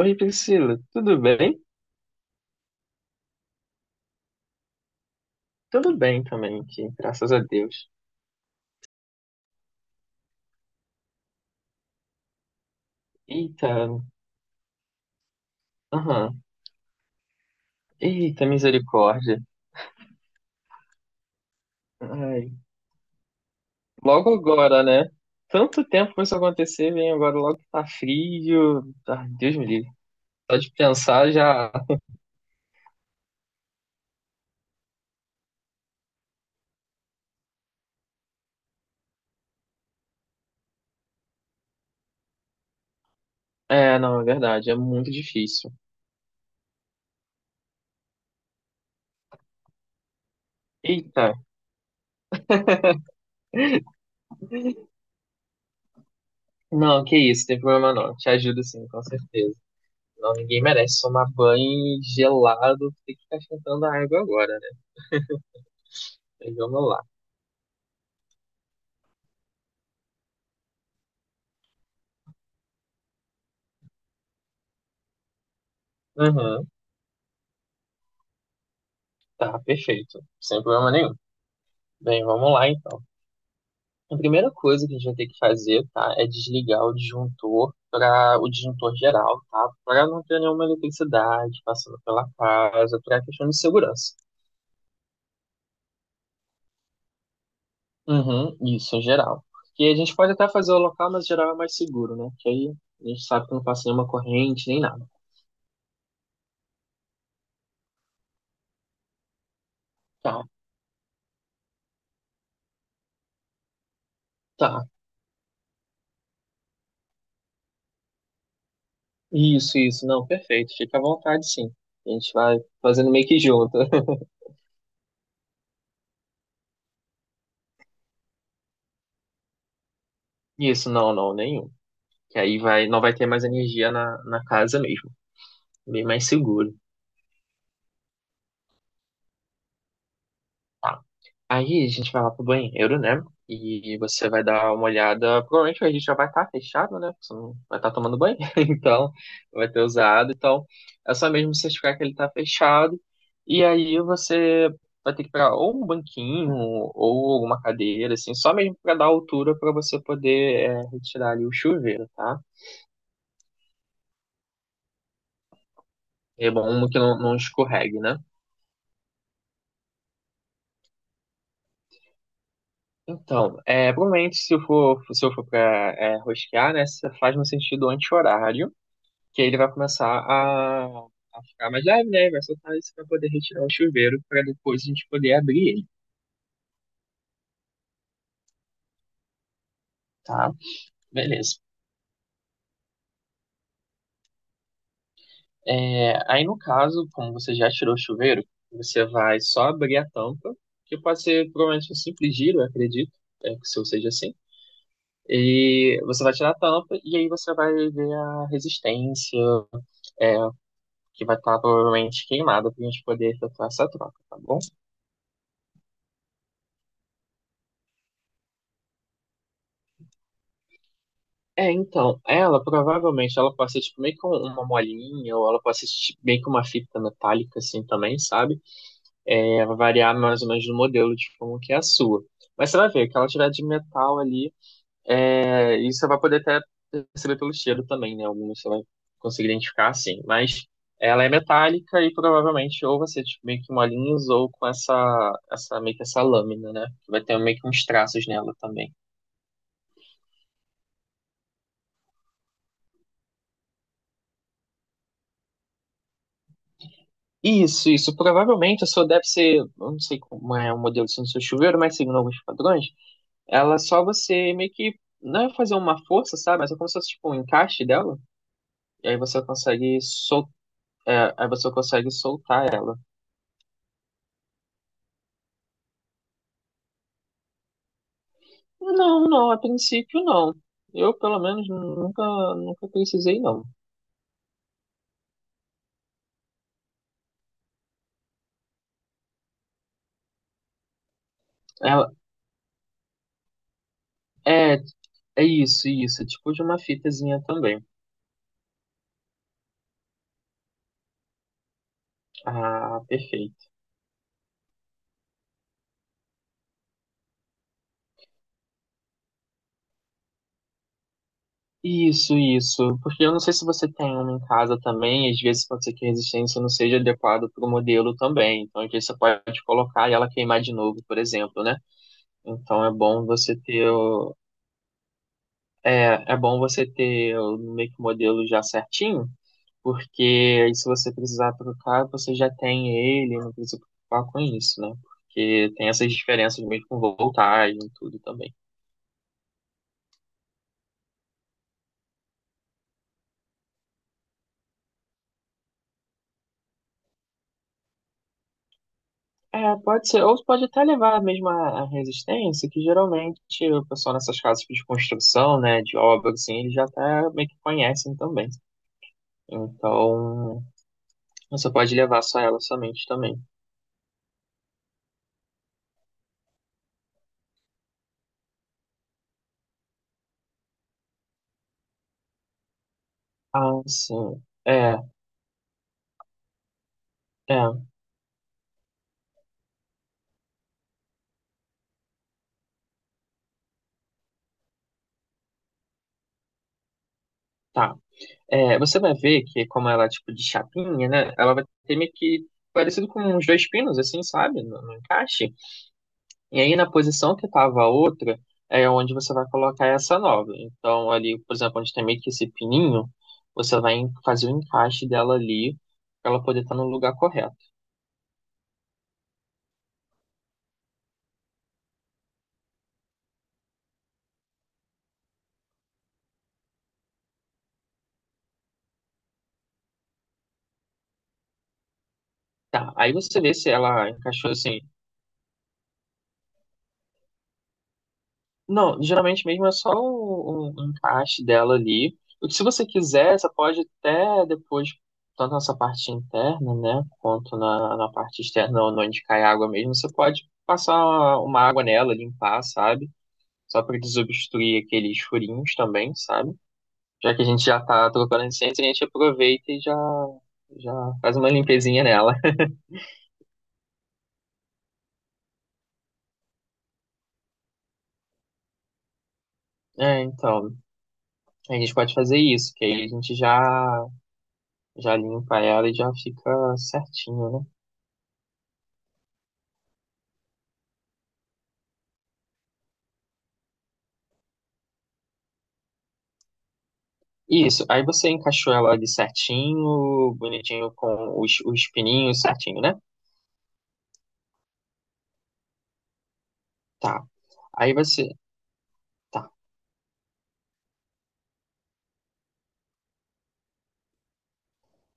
Oi, Priscila, tudo bem? Tudo bem também aqui, graças a Deus. Eita, aham, eita, misericórdia. Ai, logo agora, né? Tanto tempo pra isso acontecer, vem agora logo que tá frio. Ai, Deus me livre. Só de pensar já. É, não, é verdade, é muito difícil. Eita, não, que isso, tem problema não. Te ajudo sim, com certeza. Não, ninguém merece tomar banho gelado, tem que ficar esquentando a água agora, né? Mas vamos lá. Aham. Tá, perfeito. Sem problema nenhum. Bem, vamos lá então. A primeira coisa que a gente vai ter que fazer, tá, é desligar o disjuntor para o disjuntor geral, tá? Para não ter nenhuma eletricidade passando pela casa, para questão de segurança. Uhum, isso, em geral. Porque a gente pode até fazer o local, mas geral é mais seguro, né? Que aí a gente sabe que não passa nenhuma corrente nem nada. Tá, tá. Isso, não, perfeito. Fica à vontade, sim. A gente vai fazendo meio que junto. Isso, não, nenhum. Que aí vai, não vai ter mais energia na casa mesmo. Bem mais seguro. Tá. Aí a gente vai lá pro banheiro, né? E você vai dar uma olhada. Provavelmente a gente já vai estar fechado, né? Porque você não vai estar tomando banho, então vai ter usado. Então é só mesmo certificar que ele está fechado. E aí você vai ter que pegar ou um banquinho ou alguma cadeira, assim, só mesmo para dar altura para você poder retirar ali o chuveiro, tá? É bom que não escorregue, né? Então, é, provavelmente se eu for, se eu for pra rosquear, né, você faz no sentido anti-horário, que aí ele vai começar a ficar mais leve, né, vai soltar isso pra poder retirar o chuveiro para depois a gente poder abrir ele, tá? Beleza. É, aí no caso, como você já tirou o chuveiro, você vai só abrir a tampa, que pode ser provavelmente um simples giro, eu acredito, é, que se eu seja assim. E você vai tirar a tampa e aí você vai ver a resistência, é, que vai estar provavelmente queimada pra gente poder efetuar essa troca, tá bom? É, então, ela provavelmente ela pode ser tipo meio com uma molinha, ou ela pode ser tipo, meio com uma fita metálica assim também, sabe? É, vai variar mais ou menos do modelo de como que é a sua. Mas você vai ver que ela tiver de metal ali, é, e você vai poder até perceber pelo cheiro também, né? Alguns você vai conseguir identificar, assim. Mas ela é metálica e provavelmente ou vai ser tipo, meio que uma ou com essa, meio que essa lâmina, né? Que vai ter meio que uns traços nela também. Isso. Provavelmente a sua deve ser, eu não sei como é o modelo assim, do seu chuveiro, mas seguindo alguns padrões, ela é só você meio que, não é fazer uma força, sabe? Mas é como se fosse tipo um encaixe dela, e aí você consegue sol... é, aí você consegue soltar ela. Não, a princípio não. Eu, pelo menos, nunca precisei, não. Ela- É, isso, isso. É tipo de uma fitazinha também. Ah, perfeito. Isso. Porque eu não sei se você tem uma em casa também. Às vezes pode ser que a resistência não seja adequada para o modelo também. Então, às vezes você pode colocar e ela queimar de novo, por exemplo, né? Então, é bom você é, é bom você meio que o modelo já certinho. Porque aí se você precisar trocar, você já tem ele, não precisa preocupar com isso, né? Porque tem essas diferenças mesmo com voltagem e tudo também. É, pode ser, ou pode até levar mesmo a resistência, que geralmente o pessoal nessas casas de construção, né, de obra, assim, eles já até meio que conhecem também. Então, você pode levar só ela somente também. Ah, sim. É, tá. É, você vai ver que como ela é tipo de chapinha, né? Ela vai ter meio que parecido com uns dois pinos, assim, sabe? No encaixe. E aí na posição que tava a outra, é onde você vai colocar essa nova. Então ali, por exemplo, onde tem meio que esse pininho, você vai fazer o encaixe dela ali pra ela poder estar no lugar correto. Tá, aí você vê se ela encaixou assim, não, geralmente mesmo é só o encaixe dela ali. O que se você quiser, você pode até depois, tanto nessa parte interna, né, quanto na parte externa, onde cai água mesmo, você pode passar uma água nela, limpar, sabe? Só para desobstruir aqueles furinhos também, sabe? Já que a gente já tá trocando essência, a gente aproveita e já, já faz uma limpezinha nela. É, então, a gente pode fazer isso, que aí a gente já, já limpa ela e já fica certinho, né? Isso, aí você encaixou ela ali certinho, bonitinho com os pininhos certinho, né? Tá. Aí você. Tá,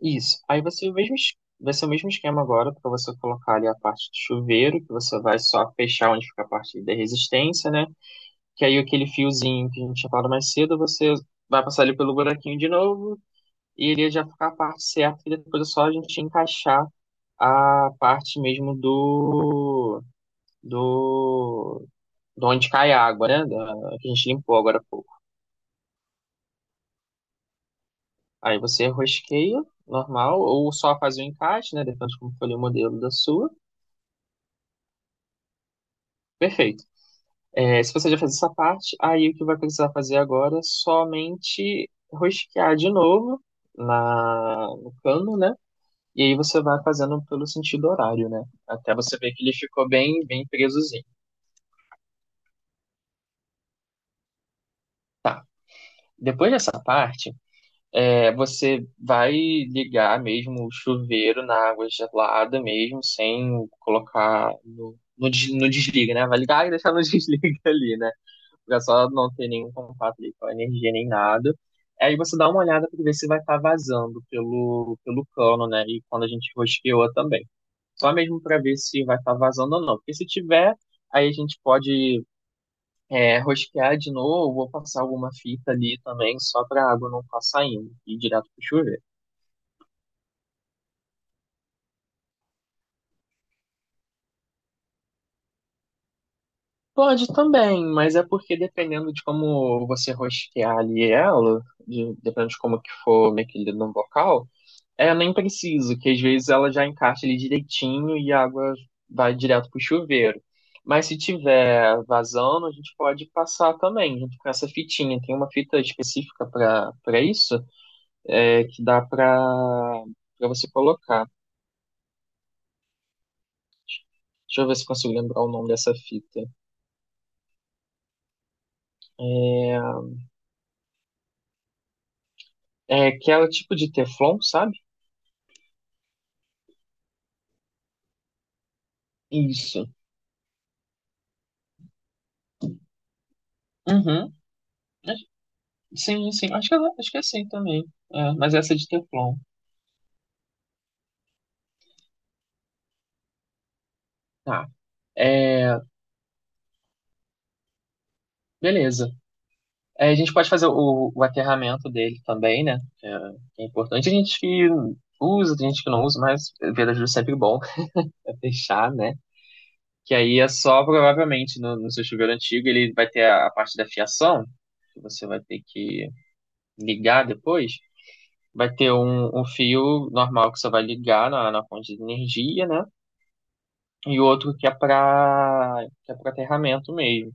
isso. Aí você o mesmo, es- Vai ser o mesmo esquema agora para você colocar ali a parte do chuveiro, que você vai só fechar onde fica a parte da resistência, né? Que aí aquele fiozinho que a gente tinha falado mais cedo, você vai passar ali pelo buraquinho de novo e ele já ficar a parte certa, e depois é só a gente encaixar a parte mesmo Do, de onde cai a água, né? Da, que a gente limpou agora há pouco. Aí você rosqueia, normal, ou só faz o encaixe, né? Depende de como foi o modelo da sua. Perfeito. É, se você já fez essa parte, aí o que vai precisar fazer agora é somente rosquear de novo no cano, né? E aí você vai fazendo pelo sentido horário, né? Até você ver que ele ficou bem presozinho. Depois dessa parte, é, você vai ligar mesmo o chuveiro na água gelada mesmo, sem colocar no desliga, né? Vai ligar e deixar no desliga ali, né? Pra só não ter nenhum contato ali com a energia nem nada. Aí você dá uma olhada para ver se vai estar vazando pelo cano, né? E quando a gente rosqueou também. Só mesmo para ver se vai estar vazando ou não. Porque se tiver, aí a gente pode rosquear de novo, vou passar alguma fita ali também, só para a água não ficar saindo e ir direto pro chuveiro. Pode também, mas é porque dependendo de como você rosquear ali ela, dependendo de como que for mexida no bocal, é nem preciso, que às vezes ela já encaixa ali direitinho e a água vai direto pro chuveiro. Mas se tiver vazando, a gente pode passar também, junto com essa fitinha. Tem uma fita específica para isso, é, que dá para você colocar. Deixa eu ver se consigo lembrar o nome dessa fita. É, é aquela tipo de Teflon, sabe? Isso. Uhum. Acho- Sim, sim. Acho que, acho que é assim também. É, mas essa é de Teflon. Tá. É, beleza. É, a gente pode fazer o aterramento dele também, né? Que é importante. A gente que usa, tem gente que não usa, mas ver ajuda é sempre bom é fechar, né? Que aí é só, provavelmente, no seu chuveiro antigo, ele vai ter a parte da fiação, que você vai ter que ligar depois. Vai ter um fio normal que você vai ligar na fonte de energia, né? E outro que é para aterramento mesmo.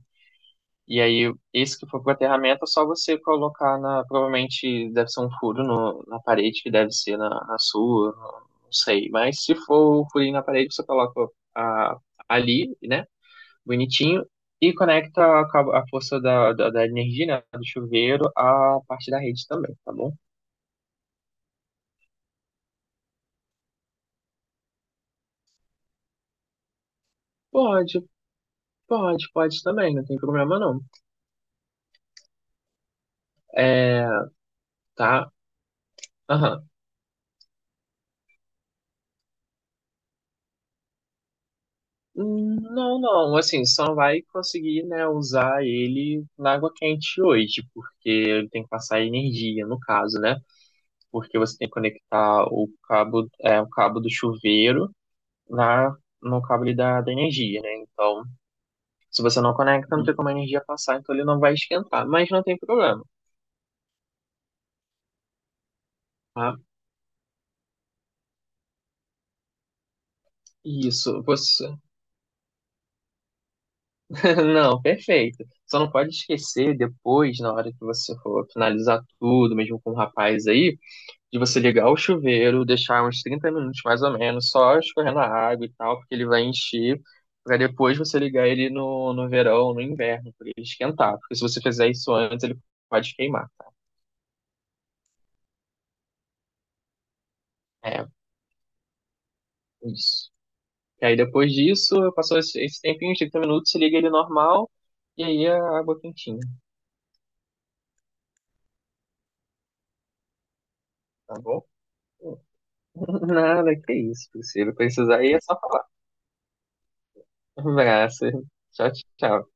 E aí, esse que for para aterramento é só você colocar na. Provavelmente deve ser um furo no, na parede, que deve ser na sua, não sei. Mas se for o furinho na parede, você coloca a, ali, né? Bonitinho. E conecta a força da energia, né, do chuveiro, à parte da rede também, tá bom? Pode, pode também, não tem problema não. É, tá? Aham. Não, não, assim, só vai conseguir, né, usar ele na água quente hoje, porque ele tem que passar energia, no caso, né? Porque você tem que conectar o cabo, é, o cabo do chuveiro na, no cabo ali da, da energia, né? Então, se você não conecta, não tem como a energia passar, então ele não vai esquentar, mas não tem problema, tá? Isso, você... Não, perfeito. Só não pode esquecer depois, na hora que você for finalizar tudo, mesmo com o rapaz aí, de você ligar o chuveiro, deixar uns 30 minutos mais ou menos, só escorrendo a água e tal, porque ele vai encher, para depois você ligar ele no verão, no inverno, para ele esquentar. Porque se você fizer isso antes, ele pode queimar, tá? É, isso. E aí depois disso, passou esse tempinho, uns 30 minutos, você liga ele normal, e aí a água quentinha, tá bom? Nada, que isso, Priscila. Precisar aí é só falar. Um abraço. Tchau, tchau.